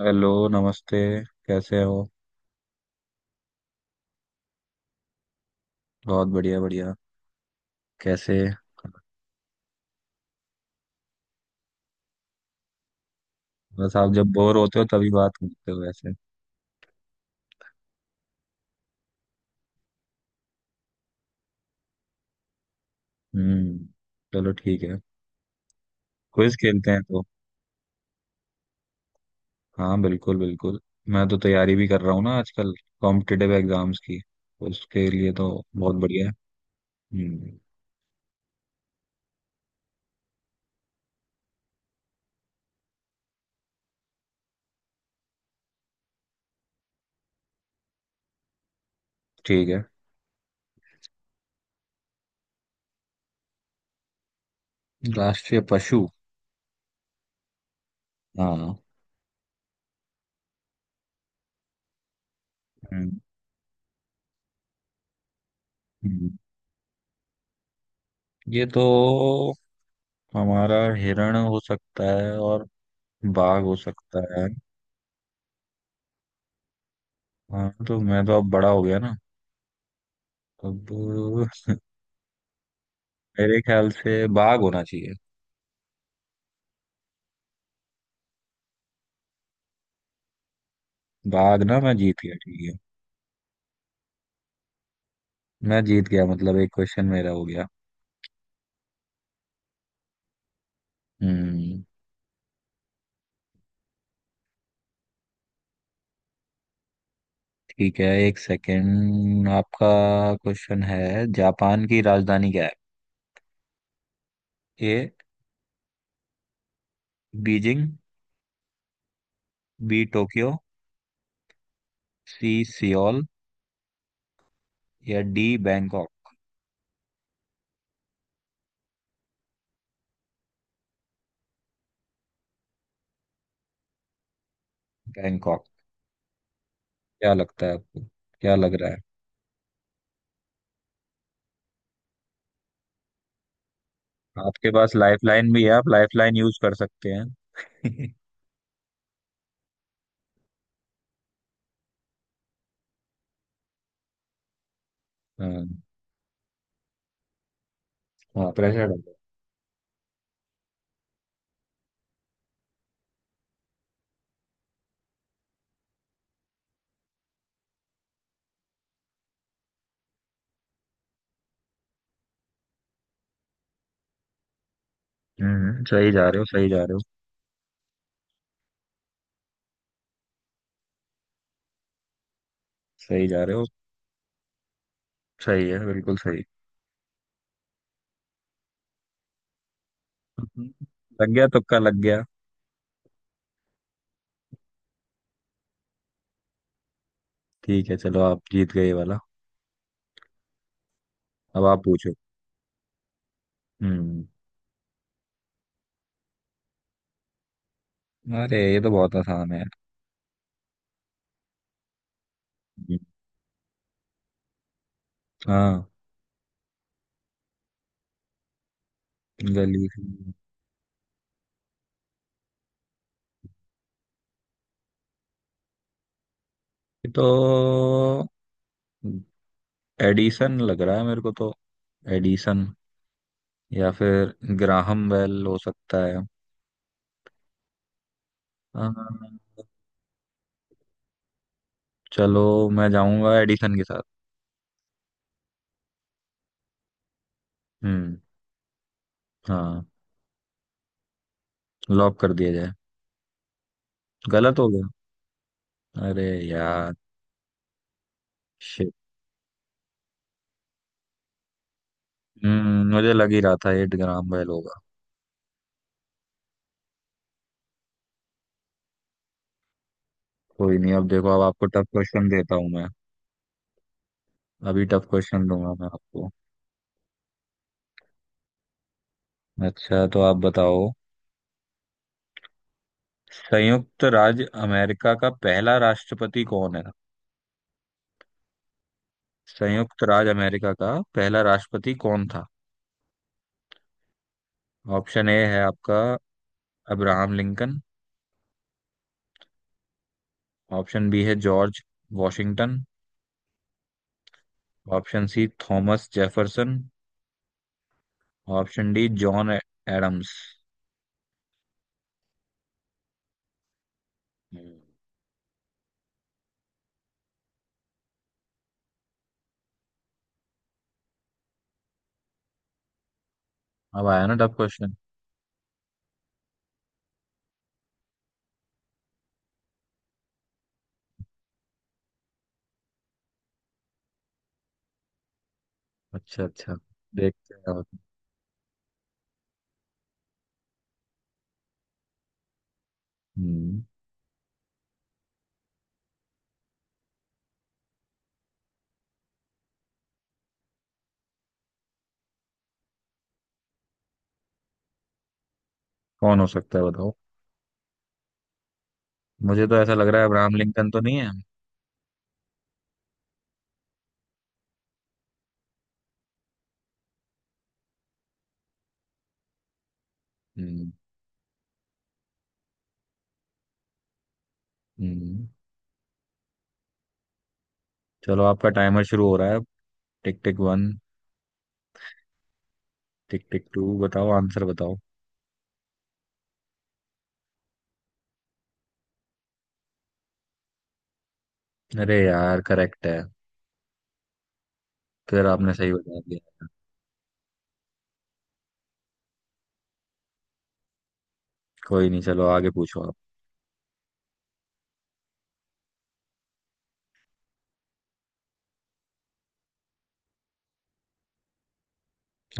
Hello नमस्ते। कैसे हो? बहुत बढ़िया बढ़िया। कैसे? बस आप जब बोर होते हो तभी बात करते हो वैसे। हम्म। चलो ठीक है। क्विज खेलते हैं तो? हाँ बिल्कुल बिल्कुल। मैं तो तैयारी भी कर रहा हूँ ना आजकल, कॉम्पिटिटिव एग्जाम्स की। उसके लिए तो बहुत बढ़िया है। हम्म। ठीक है। राष्ट्रीय पशु? हाँ। हम्म। हम्म। ये तो हमारा हिरण हो सकता है और बाघ हो सकता है। हाँ तो मैं तो अब बड़ा हो गया ना अब। मेरे ख्याल से बाघ होना चाहिए। बाघ ना? मैं जीत गया, ठीक है? मैं जीत गया मतलब एक क्वेश्चन मेरा हो गया। हम्म। ठीक है, एक सेकंड। आपका क्वेश्चन है, जापान की राजधानी क्या है। A Beijing, B Tokyo, C Seoul, या डी बैंकॉक। बैंकॉक? क्या लगता है आपको? क्या लग रहा है? आपके पास लाइफलाइन भी है, आप लाइफलाइन यूज कर सकते हैं। हाँ, हाँ। प्रेशर। हम्म, सही जा रहे हो, सही जा रहे हो। सही जा रहे हो, सही है, बिल्कुल सही। हम्म। लग गया, तुक्का लग गया। ठीक है, चलो आप जीत गए ये वाला। अब आप पूछो। हम्म। अरे ये तो बहुत आसान है। हम्म। हाँ। गली से- ये तो एडिसन लग रहा है मेरे को तो। एडिसन या फिर ग्राहम बेल हो सकता है। हाँ, चलो मैं जाऊंगा एडिसन के साथ। हम्म। हाँ। लॉक कर दिया जाए। गलत हो गया, अरे यार, शिट। हम्म, मुझे लग ही रहा था एट ग्राम बेल होगा। कोई नहीं, अब देखो अब आपको टफ क्वेश्चन देता हूँ मैं। अभी टफ क्वेश्चन दूंगा मैं आपको। अच्छा तो आप बताओ, संयुक्त राज्य अमेरिका का पहला राष्ट्रपति कौन है? संयुक्त राज्य अमेरिका का पहला राष्ट्रपति कौन था? ऑप्शन ए है आपका, अब्राहम लिंकन। ऑप्शन बी है George Washington. Option C Thomas Jefferson. Option D John Adams. हम्म। अब आया ना टफ क्वेश्चन? अच्छा, अच्छा। देखते हैं अब। हम्म। कौन हो सकता है बताओ। मुझे तो ऐसा लग रहा है अब्राहम लिंकन तो नहीं है। हम्म। हम्म। चलो आपका टाइमर शुरू हो रहा है। Tick tick one. Tick tick two, बताओ आंसर बताओ। अरे यार करेक्ट है। फिर आपने सही बता दिया। कोई नहीं, चलो आगे पूछो आप।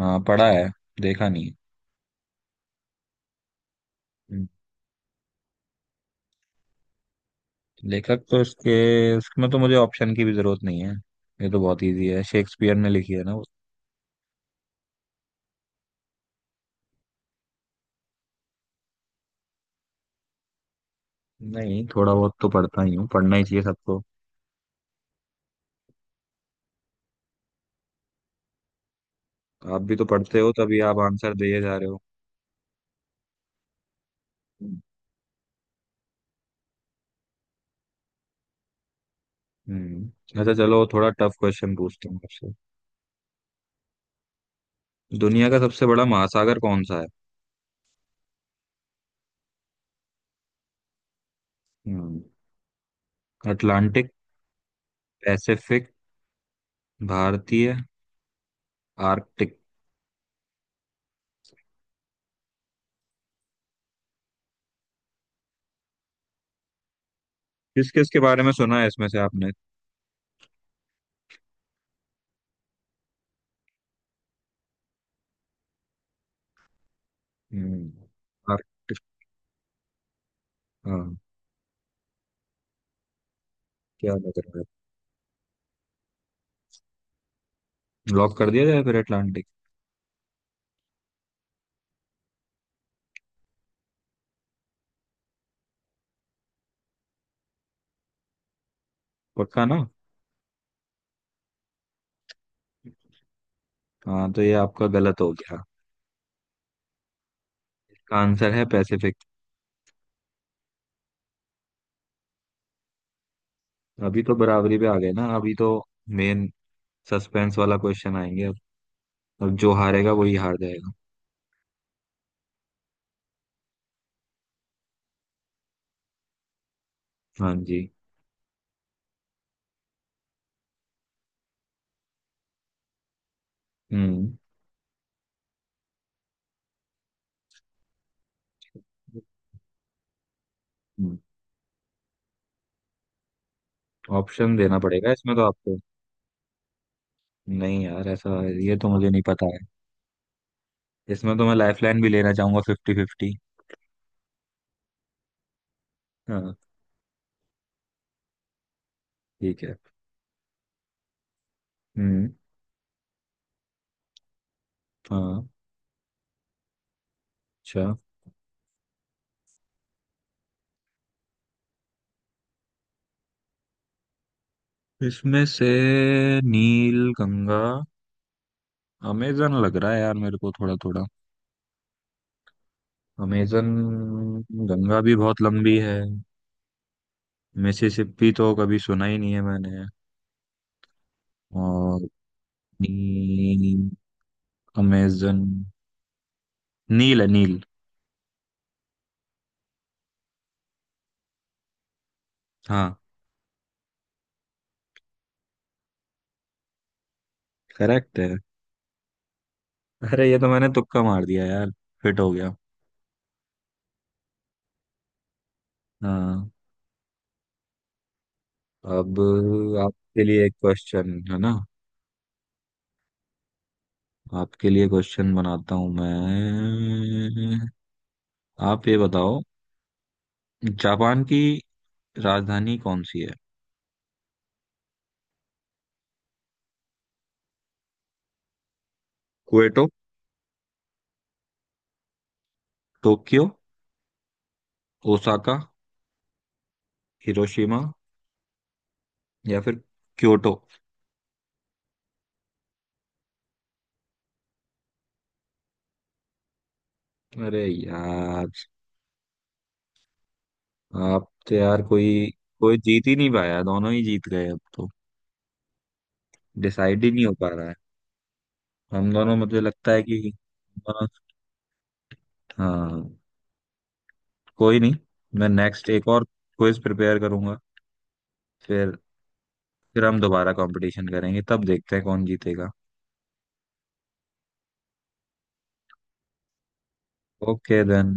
हाँ पढ़ा है, देखा नहीं है। हम्म। लेखक तो इसके इसमें तो मुझे ऑप्शन की भी जरूरत नहीं है। ये तो बहुत इजी है, शेक्सपियर ने लिखी है ना वो। नहीं, थोड़ा बहुत तो पढ़ता ही हूँ, पढ़ना ही चाहिए सबको। आप भी तो पढ़ते हो तभी आप आंसर दिए जा रहे हो। हम्म। हम्म। अच्छा चलो थोड़ा टफ क्वेश्चन पूछता हूँ आपसे। दुनिया का सबसे बड़ा महासागर कौन सा है? हम्म। अटलांटिक, पैसिफिक, भारतीय, आर्कटिक। किस किस के बारे में सुना है इसमें से आपने? हम्म। आर्कटिक। हाँ। क्या लग रहा है? लॉक कर दिया जाए फिर, अटलांटिक? पक्का ना? हाँ तो ये आपका गलत हो गया। इसका आंसर है पैसिफिक। अभी तो बराबरी पे आ गए ना अभी तो। मेन सस्पेंस वाला क्वेश्चन आएंगे अब। अब जो हारेगा वही हार जाएगा। हाँ जी। हम्म। हम्म। ऑप्शन देना पड़ेगा इसमें तो आपको? नहीं यार, ऐसा ये तो मुझे नहीं पता है। इसमें तो मैं लाइफलाइन भी लेना चाहूंगा, फिफ्टी फिफ्टी। हाँ। ठीक है। हम्म। हाँ। अच्छा। इसमें से नील, गंगा, अमेजन लग रहा है यार मेरे को थोड़ा थोड़ा। अमेजन। गंगा भी बहुत लंबी है। मिसिसिपी तो कभी सुना ही नहीं है मैंने। और नी, अमेजन, नील है नील। हाँ। करेक्ट है। अरे ये तो मैंने तुक्का मार दिया यार, फिट हो गया। हाँ। अब आपके लिए एक क्वेश्चन है ना? आपके लिए क्वेश्चन बनाता हूं मैं। आप ये बताओ, जापान की राजधानी कौन सी है? क्वेटो, टोक्यो, ओसाका, हिरोशिमा, या फिर क्योटो। अरे यार, आप तो यार। कोई कोई जीत ही नहीं पाया, दोनों ही जीत गए अब तो। डिसाइड ही नहीं हो पा रहा है हम दोनों, मुझे लगता है कि। हाँ, कोई नहीं। मैं नेक्स्ट एक और क्विज प्रिपेयर करूंगा फिर। फिर हम दोबारा कंपटीशन करेंगे, तब देखते हैं कौन जीतेगा। Okay then.